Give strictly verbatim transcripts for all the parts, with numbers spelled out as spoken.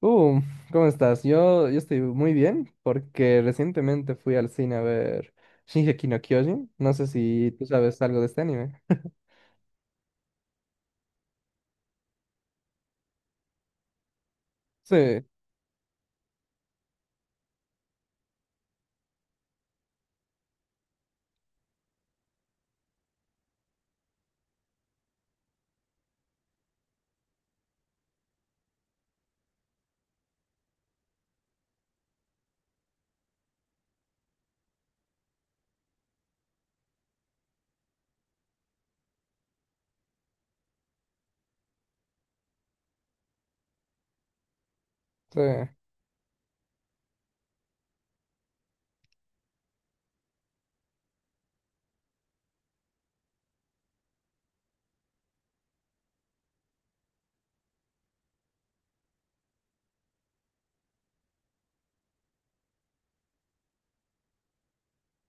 Uh, ¿cómo estás? Yo, yo estoy muy bien porque recientemente fui al cine a ver Shingeki no Kyojin. No sé si tú sabes algo de este anime. Sí, sí.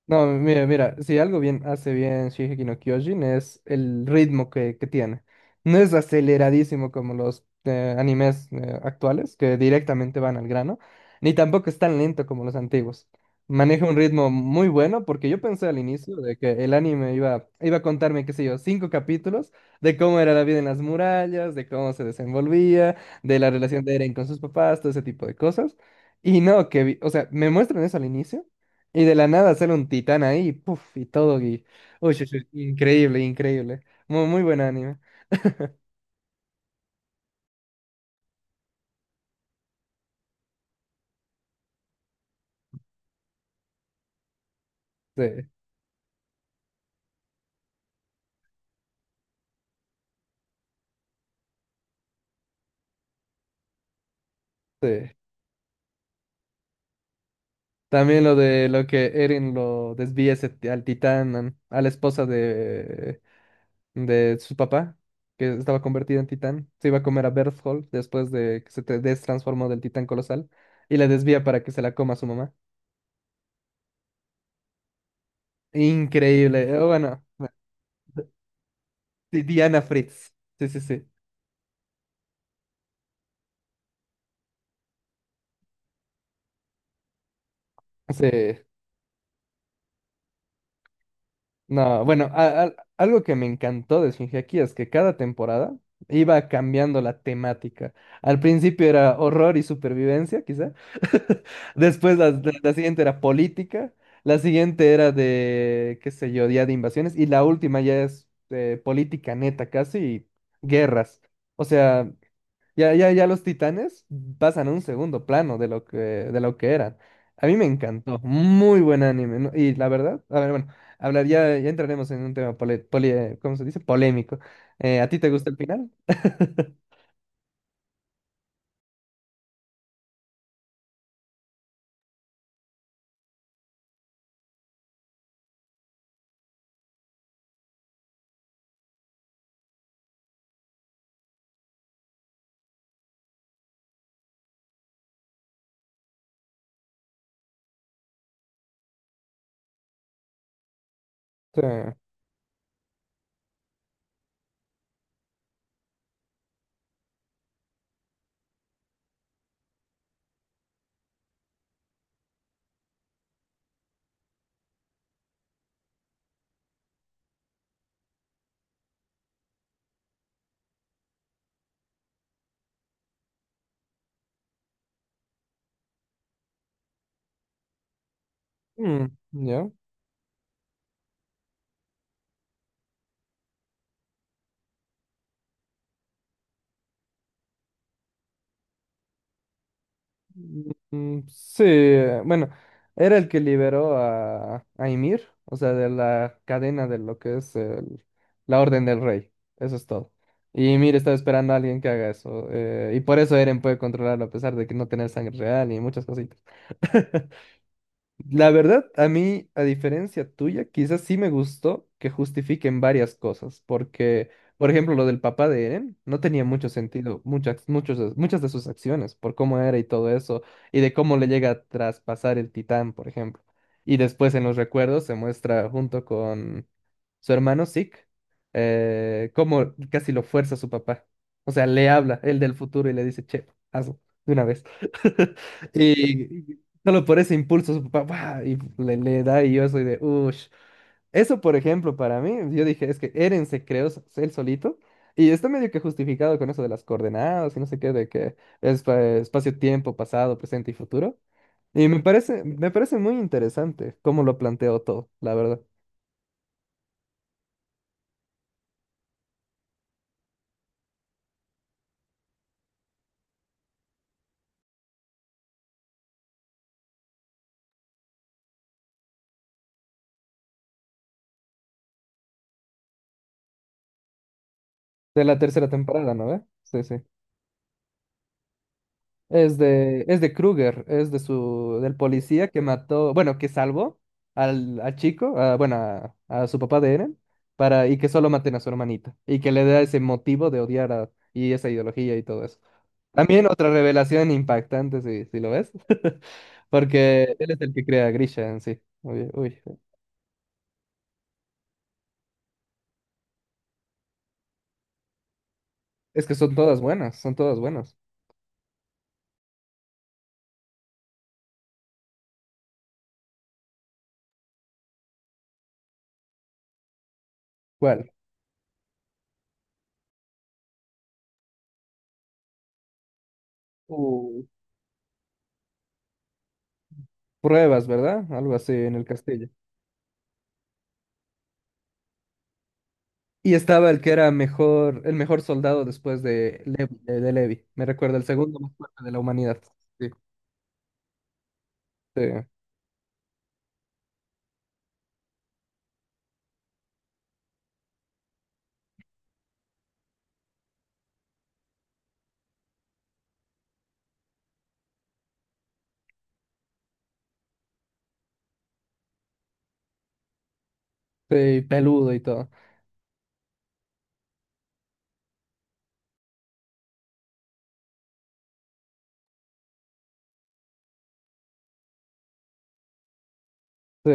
No, mira, mira, si algo bien hace bien Shingeki no Kyojin es el ritmo que, que tiene. No es aceleradísimo como los eh, animes eh, actuales, que directamente van al grano, ni tampoco es tan lento como los antiguos. Maneja un ritmo muy bueno, porque yo pensé al inicio de que el anime iba, iba a contarme, qué sé yo, cinco capítulos de cómo era la vida en las murallas, de cómo se desenvolvía, de la relación de Eren con sus papás, todo ese tipo de cosas. Y no, que, vi- o sea, me muestran eso al inicio. Y de la nada sale un titán ahí, puff, y todo. Y... Uy, uy, uy, increíble, increíble. Muy, muy buen anime. Sí, sí. También lo de lo que Eren lo desvía ese ti- al titán, an- a la esposa de, de su papá, que estaba convertida en titán. Se iba a comer a Berthold después de que se te- destransformó del titán colosal. Y la desvía para que se la coma su mamá. Increíble. eh, Bueno, Di- Diana Fritz. Sí, sí, sí. Sí. No, bueno, a- a- algo que me encantó de Shingeki es que cada temporada iba cambiando la temática. Al principio era horror y supervivencia, quizá. Después la, la- la siguiente era política. La siguiente era de, qué sé yo, día de invasiones. Y la última ya es eh, política neta, casi, y guerras. O sea, ya, ya, ya los titanes pasan a un segundo plano de lo que, de lo que eran. A mí me encantó, muy buen anime, ¿no? Y la verdad, a ver, bueno, hablar, ya, ya entraremos en un tema pole- poli- eh, ¿cómo se dice? Polémico. Eh, ¿a ti te gusta el final? Sí. Mm, ¿ya? Mm, Sí, eh, bueno, era el que liberó a, a Ymir, o sea, de la cadena de lo que es el- la Orden del Rey, eso es todo. Y Ymir estaba esperando a alguien que haga eso, eh, y por eso Eren puede controlarlo a pesar de que no tener sangre real y muchas cositas. La verdad, a mí, a diferencia tuya, quizás sí me gustó que justifiquen varias cosas, porque, por ejemplo, lo del papá de Eren no tenía mucho sentido, muchas, muchos, de- muchas de sus acciones, por cómo era y todo eso, y de cómo le llega a traspasar el titán, por ejemplo. Y después en los recuerdos se muestra junto con su hermano Zeke, eh, cómo casi lo fuerza su papá. O sea, le habla, él del futuro, y le dice, che, hazlo, de una vez. Y solo por ese impulso su papá ¡guau! Y le, le da y yo soy de uff. Eso, por ejemplo, para mí, yo dije, es que Eren se creó s- él solito y está medio que justificado con eso de las coordenadas y no sé qué, de que es eh, espacio-tiempo, pasado, presente y futuro. Y me parece, me parece muy interesante cómo lo planteó todo, la verdad. De la tercera temporada, ¿no ve? Sí, sí. Es de, es de Kruger, es de su, del policía que mató, bueno, que salvó al, al chico, a- bueno, a, a su papá de Eren, para, y que solo maten a su hermanita, y que le da ese motivo de odiar a, y esa ideología y todo eso. También otra revelación impactante, si, si lo ves, porque él es el que crea a Grisha en sí. Uy, uy. Es que son todas buenas, son todas buenas. ¿Cuál? Uh, pruebas, ¿verdad? Algo así en el castillo. Y estaba el que era mejor, el mejor soldado después de Levi, de, de Levi. Me recuerda el segundo más fuerte de la humanidad. Sí, sí, sí, peludo y todo. Sí.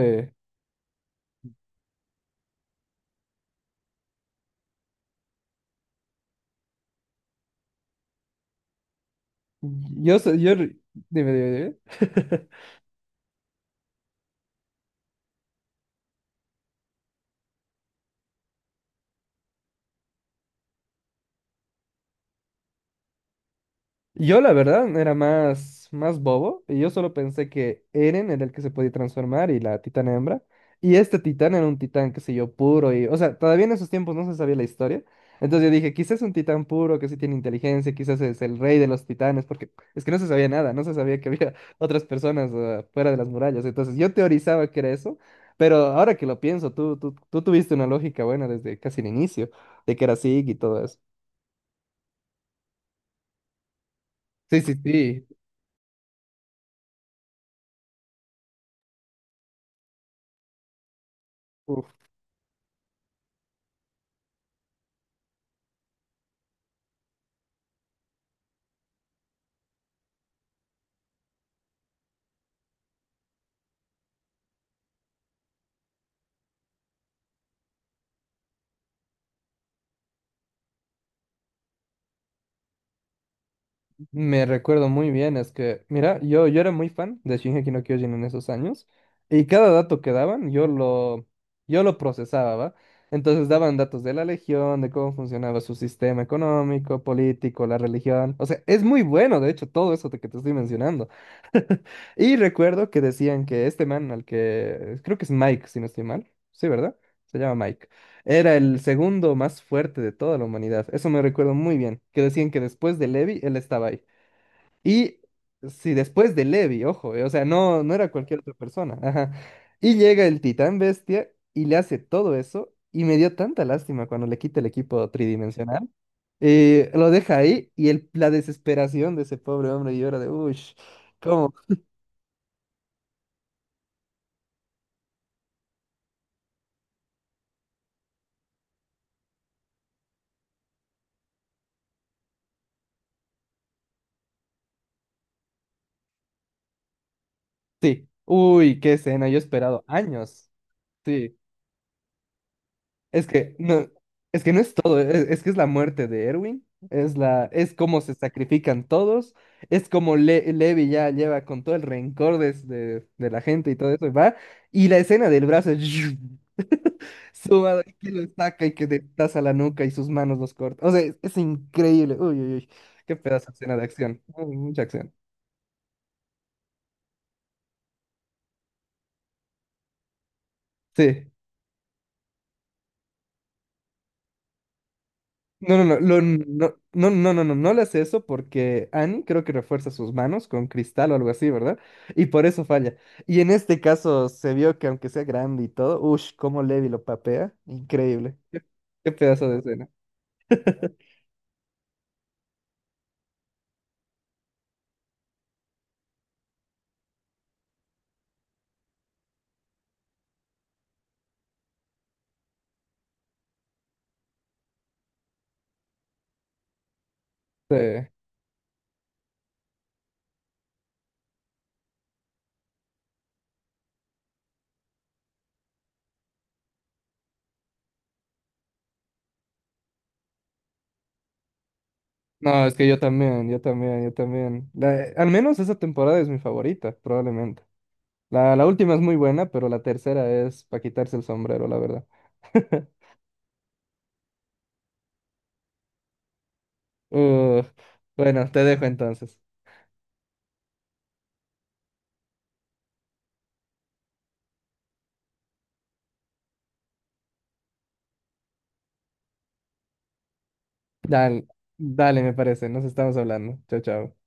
Yo, so- yo, dime, dime, dime. Yo la verdad era más, más bobo y yo solo pensé que Eren era el que se podía transformar y la titana hembra. Y este titán era un titán, qué sé yo, puro y, o sea, todavía en esos tiempos no se sabía la historia. Entonces yo dije, quizás es un titán puro que sí tiene inteligencia, quizás es el rey de los titanes, porque es que no se sabía nada, no se sabía que había otras personas eh, fuera de las murallas. Entonces yo teorizaba que era eso, pero ahora que lo pienso, tú, tú, tú tuviste una lógica buena desde casi el inicio, de que era Zig y todo eso. Sí, sí, sí. Me recuerdo muy bien, es que, mira, yo, yo era muy fan de Shingeki no Kyojin en esos años, y cada dato que daban, yo lo, yo lo procesaba, ¿va? Entonces daban datos de la legión, de cómo funcionaba su sistema económico, político, la religión. O sea, es muy bueno, de hecho, todo eso de que te estoy mencionando. Y recuerdo que decían que este man, al que creo que es Mike, si no estoy mal, sí, ¿verdad? Se llama Mike. Era el segundo más fuerte de toda la humanidad. Eso me recuerdo muy bien, que decían que después de Levi, él estaba ahí. Y si después de Levi, ojo, eh, o sea, no, no era cualquier otra persona. Ajá. Y llega el titán bestia y le hace todo eso. Y me dio tanta lástima cuando le quita el equipo tridimensional. Eh, lo deja ahí y el, la desesperación de ese pobre hombre y llora de, uy, ¿cómo? Sí, uy, qué escena, yo he esperado años. Sí, es que no, es que no es todo, es, es que es la muerte de Erwin, es la, es cómo se sacrifican todos, es como Le- Levi ya lleva con todo el rencor de, de- de la gente y todo eso, y va, y la escena del brazo sumado, y que lo saca y que destaza la nuca y sus manos los corta. O sea, es, es increíble. Uy, uy, uy. Qué pedazo de escena de acción. Uy, mucha acción. Sí. No, no, no, lo- no, no, no, no, no, no le hace eso porque Annie creo que refuerza sus manos con cristal o algo así, ¿verdad? Y por eso falla. Y en este caso se vio que aunque sea grande y todo, uff, cómo Levi lo papea, increíble. Qué pedazo de escena. Sí. No, es que yo también, yo también, yo también. La- al menos esa temporada es mi favorita, probablemente. La, la última es muy buena, pero la tercera es para quitarse el sombrero, la verdad. Uh, bueno, te dejo entonces. Dale, dale, me parece. Nos estamos hablando. Chao, chao.